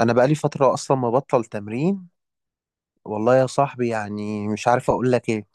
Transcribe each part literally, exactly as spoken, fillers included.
انا بقالي فتره اصلا مبطل تمرين. والله يا صاحبي يعني مش عارف اقول لك ايه.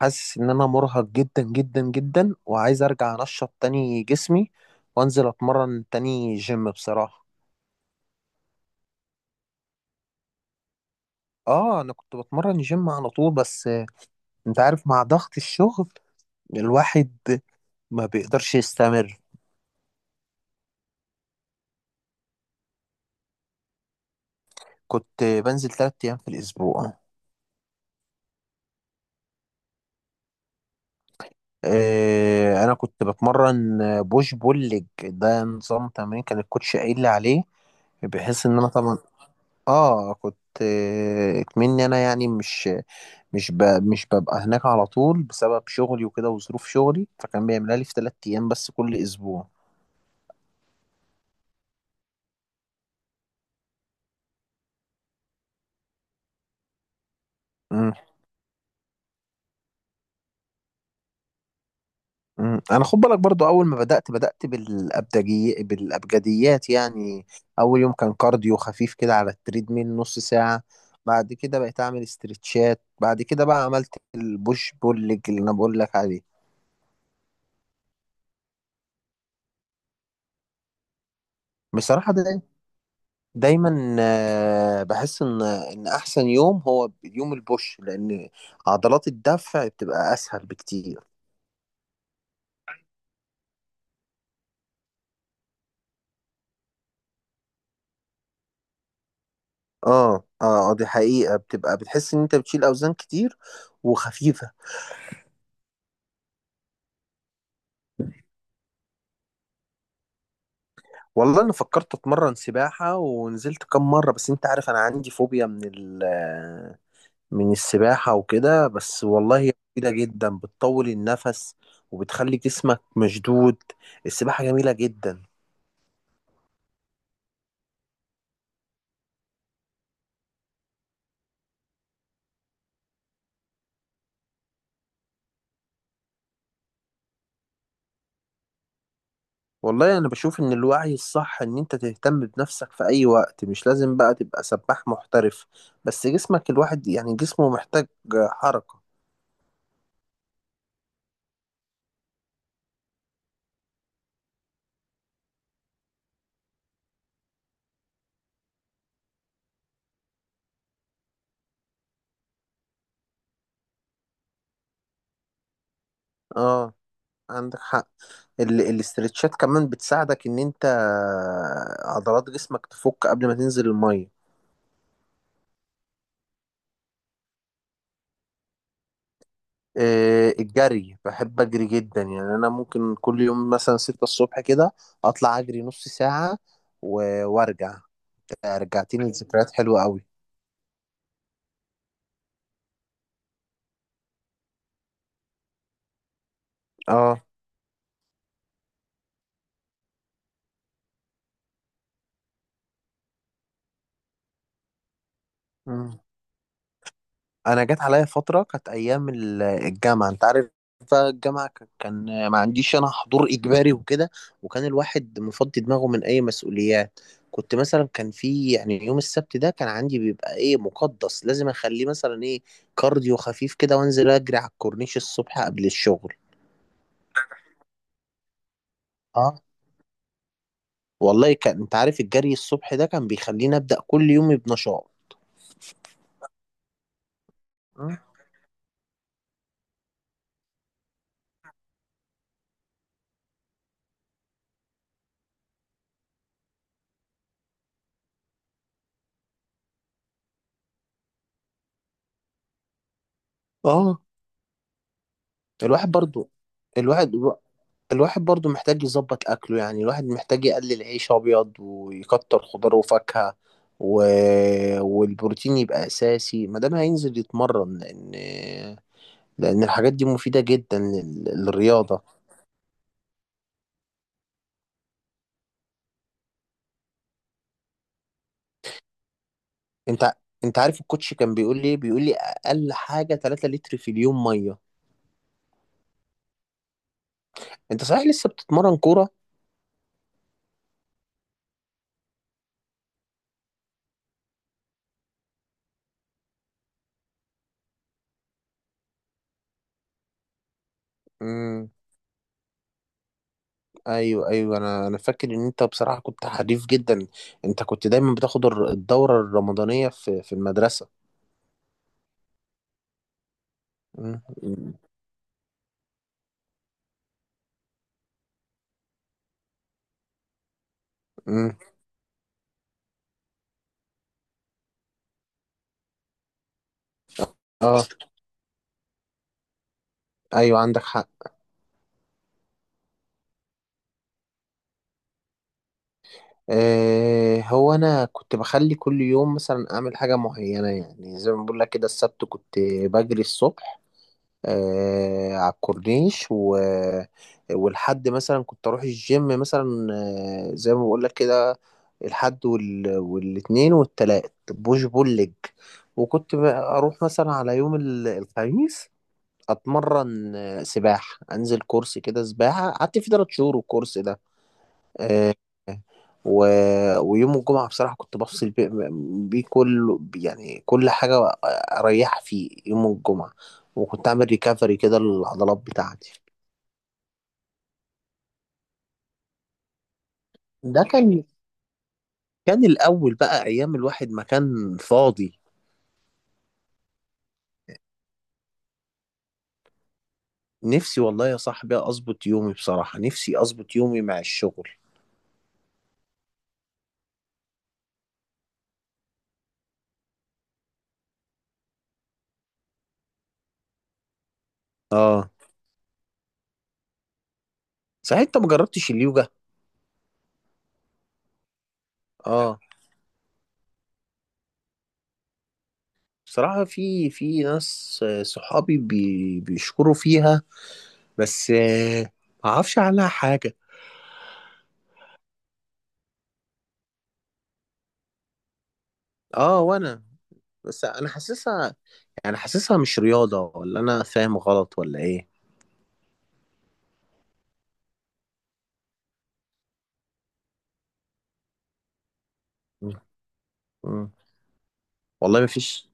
حاسس ان انا مرهق جدا جدا جدا وعايز ارجع انشط تاني جسمي وانزل اتمرن تاني جيم بصراحه. اه انا كنت بتمرن جيم على طول بس آه، انت عارف مع ضغط الشغل. الواحد ما بيقدرش يستمر. كنت بنزل ثلاث ايام في الاسبوع. آه انا كنت بتمرن بوش بول ليج، ده نظام تمرين كان الكوتش قايل لي عليه، بحيث ان انا طبعا اه كنت آه، مني انا يعني مش مش ب... مش ببقى هناك على طول بسبب شغلي وكده وظروف شغلي، فكان بيعملها لي في ثلاث ايام بس كل اسبوع. مم. مم. انا خد بالك برضو اول ما بدأت بدأت بالابدجي بالابجديات يعني. اول يوم كان كارديو خفيف كده على التريدميل نص ساعة. بعد كده بقيت اعمل استرتشات، بعد كده بقى عملت البوش بول ليج اللي انا بقول لك عليه. بصراحة ده دايما آه، بحس ان ان احسن يوم هو يوم البوش، لان عضلات الدفع بتبقى اسهل بكتير. اه. اه آه، دي حقيقة، بتبقى بتحس ان انت بتشيل اوزان كتير وخفيفة. والله انا فكرت اتمرن سباحة ونزلت كام مرة، بس انت عارف انا عندي فوبيا من ال من السباحة وكده، بس والله هي مفيدة جدا، بتطول النفس وبتخلي جسمك مشدود. السباحة جميلة جدا. والله انا بشوف ان الوعي الصح ان انت تهتم بنفسك في اي وقت، مش لازم بقى تبقى سباح محترف، بس جسمك الواحد يعني جسمه محتاج حركة. اه عندك حق. ال- الاسترتشات كمان بتساعدك ان انت عضلات جسمك تفك قبل ما تنزل المية. آه، الجري بحب اجري جدا يعني، انا ممكن كل يوم مثلا ستة الصبح كده اطلع اجري نص ساعة و- وارجع. رجعتني لذكريات حلوة قوي. اه. مم. انا جت عليا فتره كانت ايام ال- الجامعه، انت عارف بقى الجامعه ك- كان ما عنديش انا حضور اجباري وكده، وكان الواحد مفضي دماغه من اي مسؤوليات. كنت مثلا كان في يعني يوم السبت ده كان عندي بيبقى ايه مقدس، لازم اخليه مثلا ايه كارديو خفيف كده، وانزل اجري على الكورنيش الصبح قبل الشغل. اه والله كان، انت عارف، الجري الصبح ده كان بيخليني ابدا كل يوم بنشاط. اه. الواحد برضو، الواحد الواحد برضو محتاج يظبط أكله يعني، الواحد محتاج يقلل عيش أبيض ويكتر خضار وفاكهة و... والبروتين يبقى أساسي ما دام هينزل يتمرن، لأن لأن الحاجات دي مفيدة جدا لل... للرياضة. أنت أنت عارف الكوتش كان بيقول لي إيه؟ بيقول لي أقل حاجة ثلاثة لتر في اليوم مية. أنت صحيح لسه بتتمرن كورة؟ امم. أيوه أيوه أنا أنا فاكر إن أنت بصراحة كنت حريف جدا. أنت كنت دايما بتاخد الر- الدورة الرمضانية في في المدرسة. مم. امم. اه، ايوه عندك حق. آه هو انا كنت بخلي كل يوم مثلا اعمل حاجه معينه، يعني زي ما بقول لك كده، السبت كنت بجري الصبح آه على الكورنيش و... والحد مثلا كنت اروح الجيم مثلا، آه زي ما بقول لك كده، الحد وال... والاثنين والتلات بوش بول ليج، وكنت ب- اروح مثلا على يوم ال- الخميس اتمرن آه، سباحه، انزل كورس كده سباحه قعدت فيه ثلاث شهور الكورس ده. آه، و... ويوم الجمعة بصراحة كنت بفصل بيه، بيه كل يعني كل حاجة، أريح فيه يوم الجمعة، وكنت أعمل ريكفري كده للعضلات بتاعتي. ده كان كان الأول بقى أيام الواحد ما كان فاضي. نفسي والله يا صاحبي أظبط يومي، بصراحة نفسي أظبط يومي مع الشغل. آه. صحيح أنت ما جربتش اليوجا؟ آه. بصراحة في في ناس آه، صحابي بي... بيشكروا فيها، بس آه، ما أعرفش عنها حاجة. اه وانا. بس انا حاسسها، يعني حاسسها مش رياضة، ولا انا فاهم غلط ولا ايه؟ مم. مم. والله مفيش،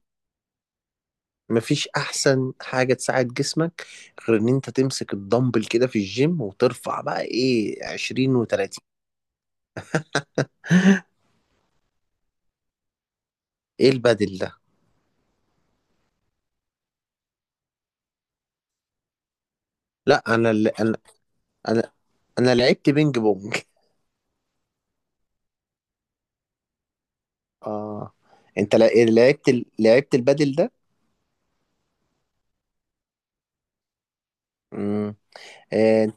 مفيش احسن حاجة تساعد جسمك غير ان انت تمسك الدمبل كده في الجيم وترفع بقى ايه عشرين و30. ايه البدل ده؟ لا انا اللي انا انا انا لعبت بينج بونج. اه، انت لع- لعبت ال- لعبت البدل ده؟ امم.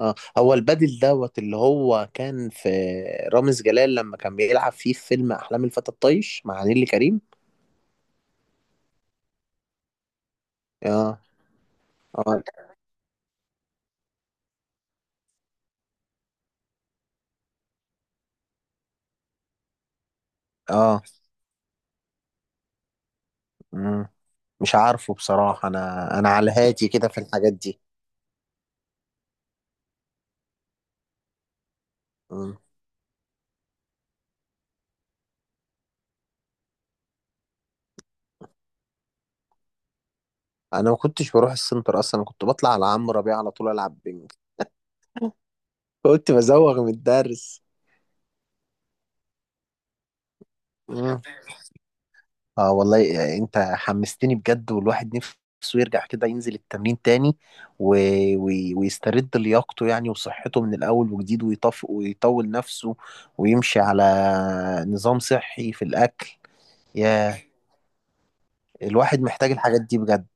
اه، هو البادل دوت اللي هو كان في رامز جلال لما كان بيلعب فيه في فيلم احلام الفتى الطايش مع نيللي كريم. اه. اه. اه. مم. مش عارفه بصراحة، انا انا على هاتي كده في الحاجات دي. مم. انا ما كنتش بروح السنتر اصلا، انا كنت بطلع على عمرو ربيع على طول العب بينج. قلت بزوغ من الدرس. مم. اه والله يعني انت حمستني بجد، والواحد نفسه يرجع كده ينزل التمرين تاني و... و... ويسترد لياقته يعني وصحته من الاول وجديد، ويطف ويطول نفسه ويمشي على نظام صحي في الاكل. يا الواحد محتاج الحاجات دي بجد.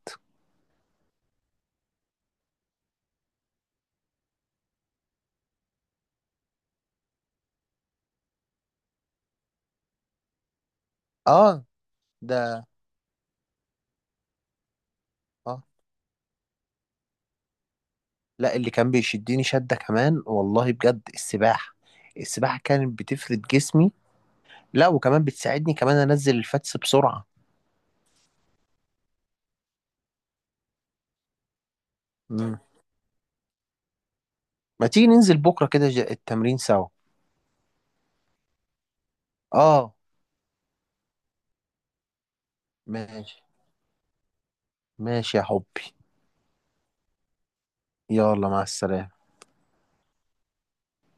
اه. ده. اه، لا اللي كان بيشدني شدة كمان والله بجد السباحة، السباحة كانت بتفرد جسمي. لا، وكمان بتساعدني كمان انزل الفاتس بسرعة. مم. ما تيجي ننزل بكرة كده ج- التمرين سوا؟ اه، ماشي. ماشي يا حبي، يلا مع السلامة.